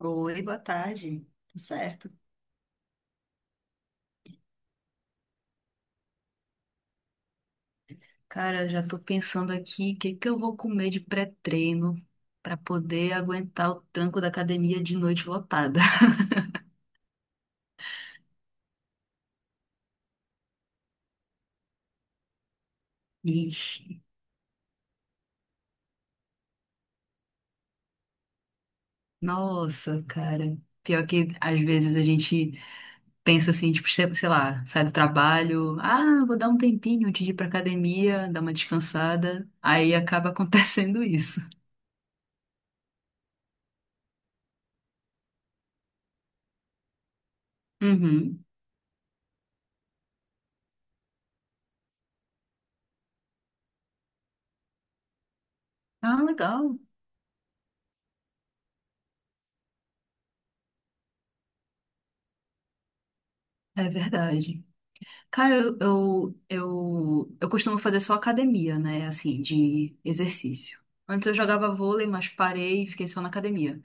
Oi, boa tarde. Tudo certo? Cara, já tô pensando aqui, o que que eu vou comer de pré-treino pra poder aguentar o tranco da academia de noite lotada. Ixi. Nossa, cara. Pior que às vezes a gente pensa assim, tipo, sei lá, sai do trabalho, ah, vou dar um tempinho antes de ir pra academia, dar uma descansada. Aí acaba acontecendo isso. Uhum. Ah, legal. É verdade. Cara, eu costumo fazer só academia, né? Assim, de exercício. Antes eu jogava vôlei, mas parei e fiquei só na academia.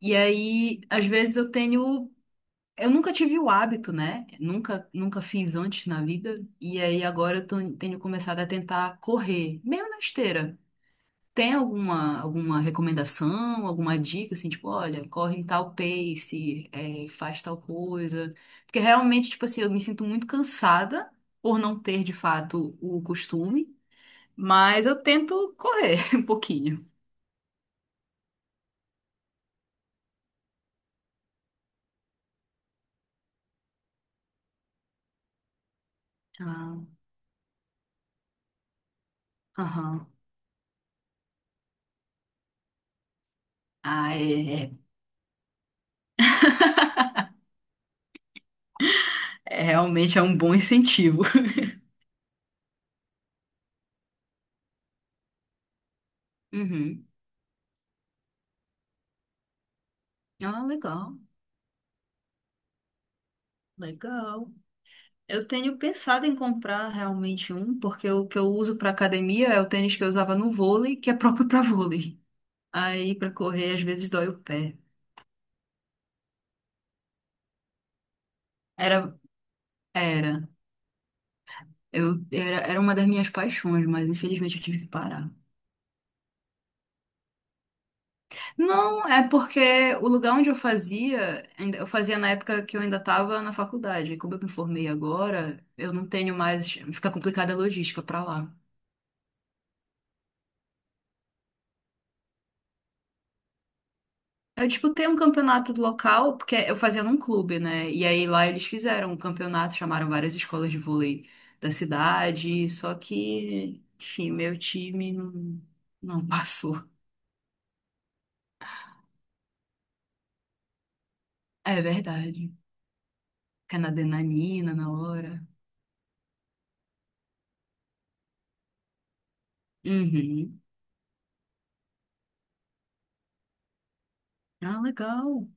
E aí, às vezes eu tenho. Eu nunca tive o hábito, né? Nunca fiz antes na vida. E aí agora eu tenho começado a tentar correr, mesmo na esteira. Tem alguma recomendação, alguma dica, assim, tipo, olha, corre em tal pace, é, faz tal coisa? Porque realmente, tipo assim, eu me sinto muito cansada por não ter, de fato, o costume, mas eu tento correr um pouquinho. Ah, aham. Ah, é, é. É, realmente é um bom incentivo. Uhum. Ah, legal, legal. Eu tenho pensado em comprar realmente um, porque o que eu uso para academia é o tênis que eu usava no vôlei, que é próprio para vôlei. Aí pra correr às vezes dói o pé. Era, era. Eu era uma das minhas paixões, mas infelizmente eu tive que parar. Não, é porque o lugar onde eu fazia, eu fazia na época que eu ainda estava na faculdade. E como eu me formei agora, eu não tenho mais, fica complicada a logística pra lá. Eu disputei um campeonato do local, porque eu fazia num clube, né? E aí lá eles fizeram um campeonato, chamaram várias escolas de vôlei da cidade, só que, enfim, meu time não passou. É verdade. Fica na adrenalina na hora. Uhum. Ah, legal.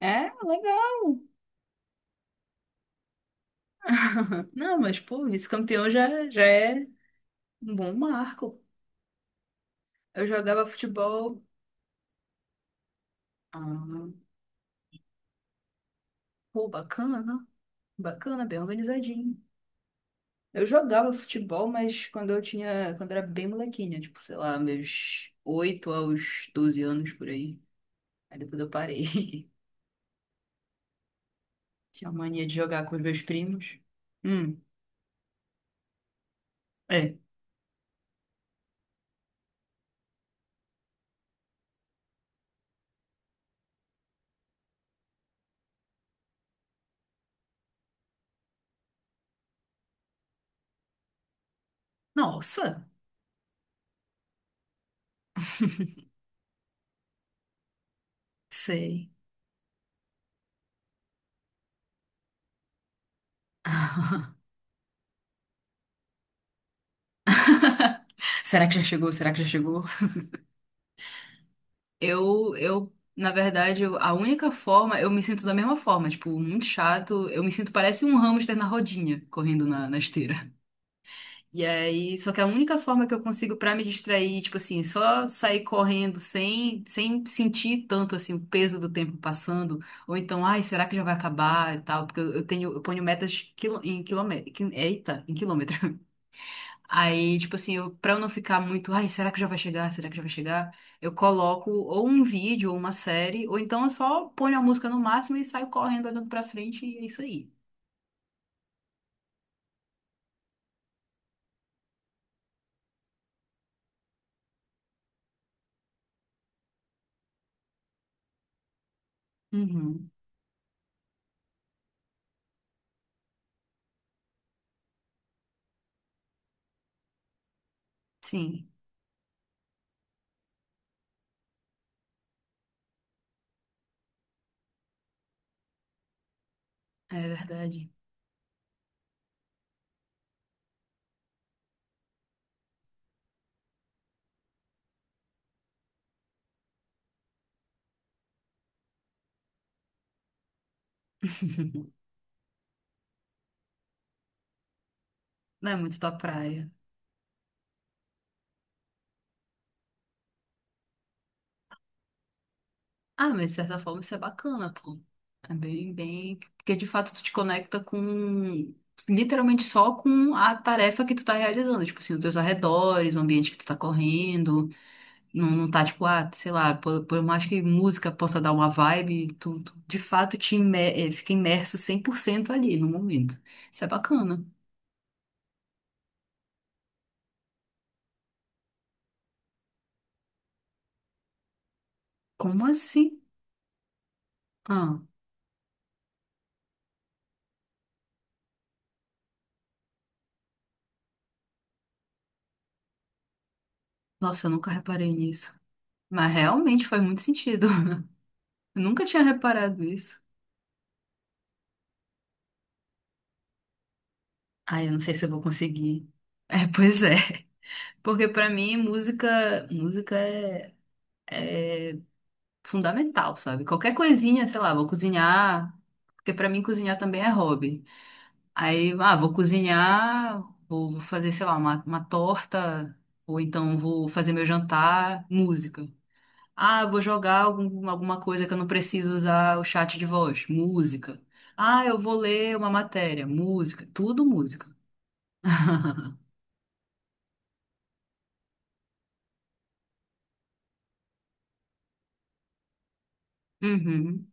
É, legal. Não, mas, pô, vice-campeão já, já é um bom marco. Eu jogava futebol. Ah, pô, bacana. Bacana, bem organizadinho. Eu jogava futebol, mas quando eu tinha. Quando eu era bem molequinha, tipo, sei lá, meus 8 aos 12 anos por aí. Aí depois eu parei. Tinha mania de jogar com os meus primos. Hum, é. Nossa! Sei. Será que já chegou? Será que já chegou? Eu, na verdade, a única forma, eu me sinto da mesma forma, tipo, muito chato. Eu me sinto parece um hamster na rodinha, correndo na, na esteira. E aí, só que a única forma que eu consigo pra me distrair, tipo assim, só sair correndo sem, sem sentir tanto assim o peso do tempo passando, ou então, ai, será que já vai acabar e tal? Porque eu tenho, eu ponho metas em quilômetro, eita, em quilômetro. Aí, tipo assim, eu, pra eu não ficar muito, ai, será que já vai chegar? Será que já vai chegar? Eu coloco ou um vídeo ou uma série, ou então eu só ponho a música no máximo e saio correndo, olhando pra frente, e é isso aí. Uhum. Sim, é verdade. Não é muito tua praia. Ah, mas de certa forma isso é bacana, pô. É bem, bem. Porque de fato tu te conecta com. Literalmente só com a tarefa que tu tá realizando. Tipo assim, os teus arredores, o ambiente que tu tá correndo. Não, não tá tipo, ah, sei lá, por mais que música possa dar uma vibe, tu de fato fica imerso 100% ali no momento. Isso é bacana. Como assim? Ah, nossa, eu nunca reparei nisso. Mas realmente faz muito sentido. Eu nunca tinha reparado isso. Ai, eu não sei se eu vou conseguir. É, pois é. Porque pra mim, música, música é fundamental, sabe? Qualquer coisinha, sei lá, vou cozinhar. Porque pra mim, cozinhar também é hobby. Aí, ah, vou cozinhar, vou fazer, sei lá, uma torta, ou então vou fazer meu jantar, música. Ah, eu vou jogar alguma coisa que eu não preciso usar o chat de voz, música. Ah, eu vou ler uma matéria, música, tudo música. Uhum.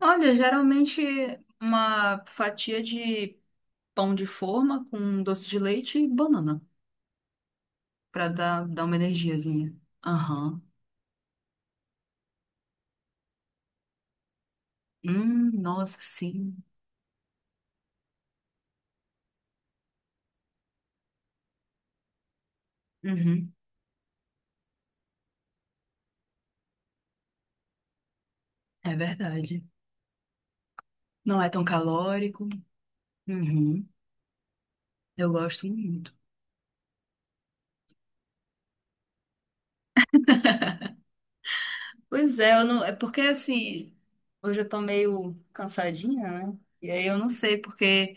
Olha, geralmente uma fatia de pão de forma com doce de leite e banana, pra dar, dar uma energiazinha. Aham. Nossa, sim. Uhum. É verdade. Não é tão calórico. Uhum. Eu gosto muito. Pois é, eu não, é porque assim, hoje eu tô meio cansadinha, né? E aí eu não sei porque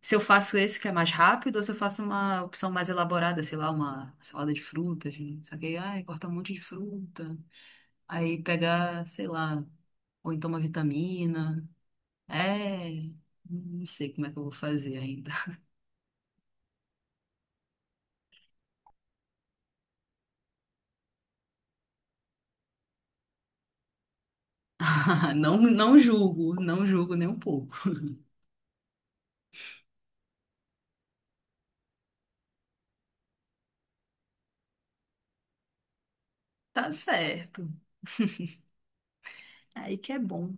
se eu faço esse que é mais rápido ou se eu faço uma opção mais elaborada, sei lá, uma salada de frutas, né? Só que aí, ai, corta um monte de fruta. Aí pegar, sei lá, ou então uma vitamina. É, não sei como é que eu vou fazer ainda. Não, não julgo, não julgo nem um pouco. Tá certo. Aí que é bom.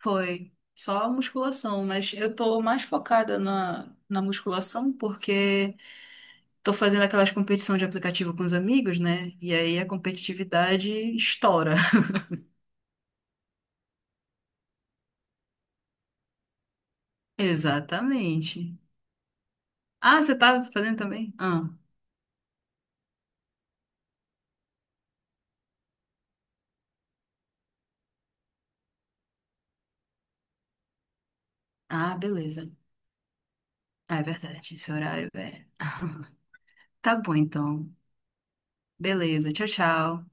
Foi só a musculação, mas eu tô mais focada na, na musculação porque tô fazendo aquelas competições de aplicativo com os amigos, né? E aí a competitividade estoura. Exatamente. Ah, você tá fazendo também? Ah, ah, beleza. Ah, é verdade, esse horário, é. Tá bom então. Beleza, tchau, tchau.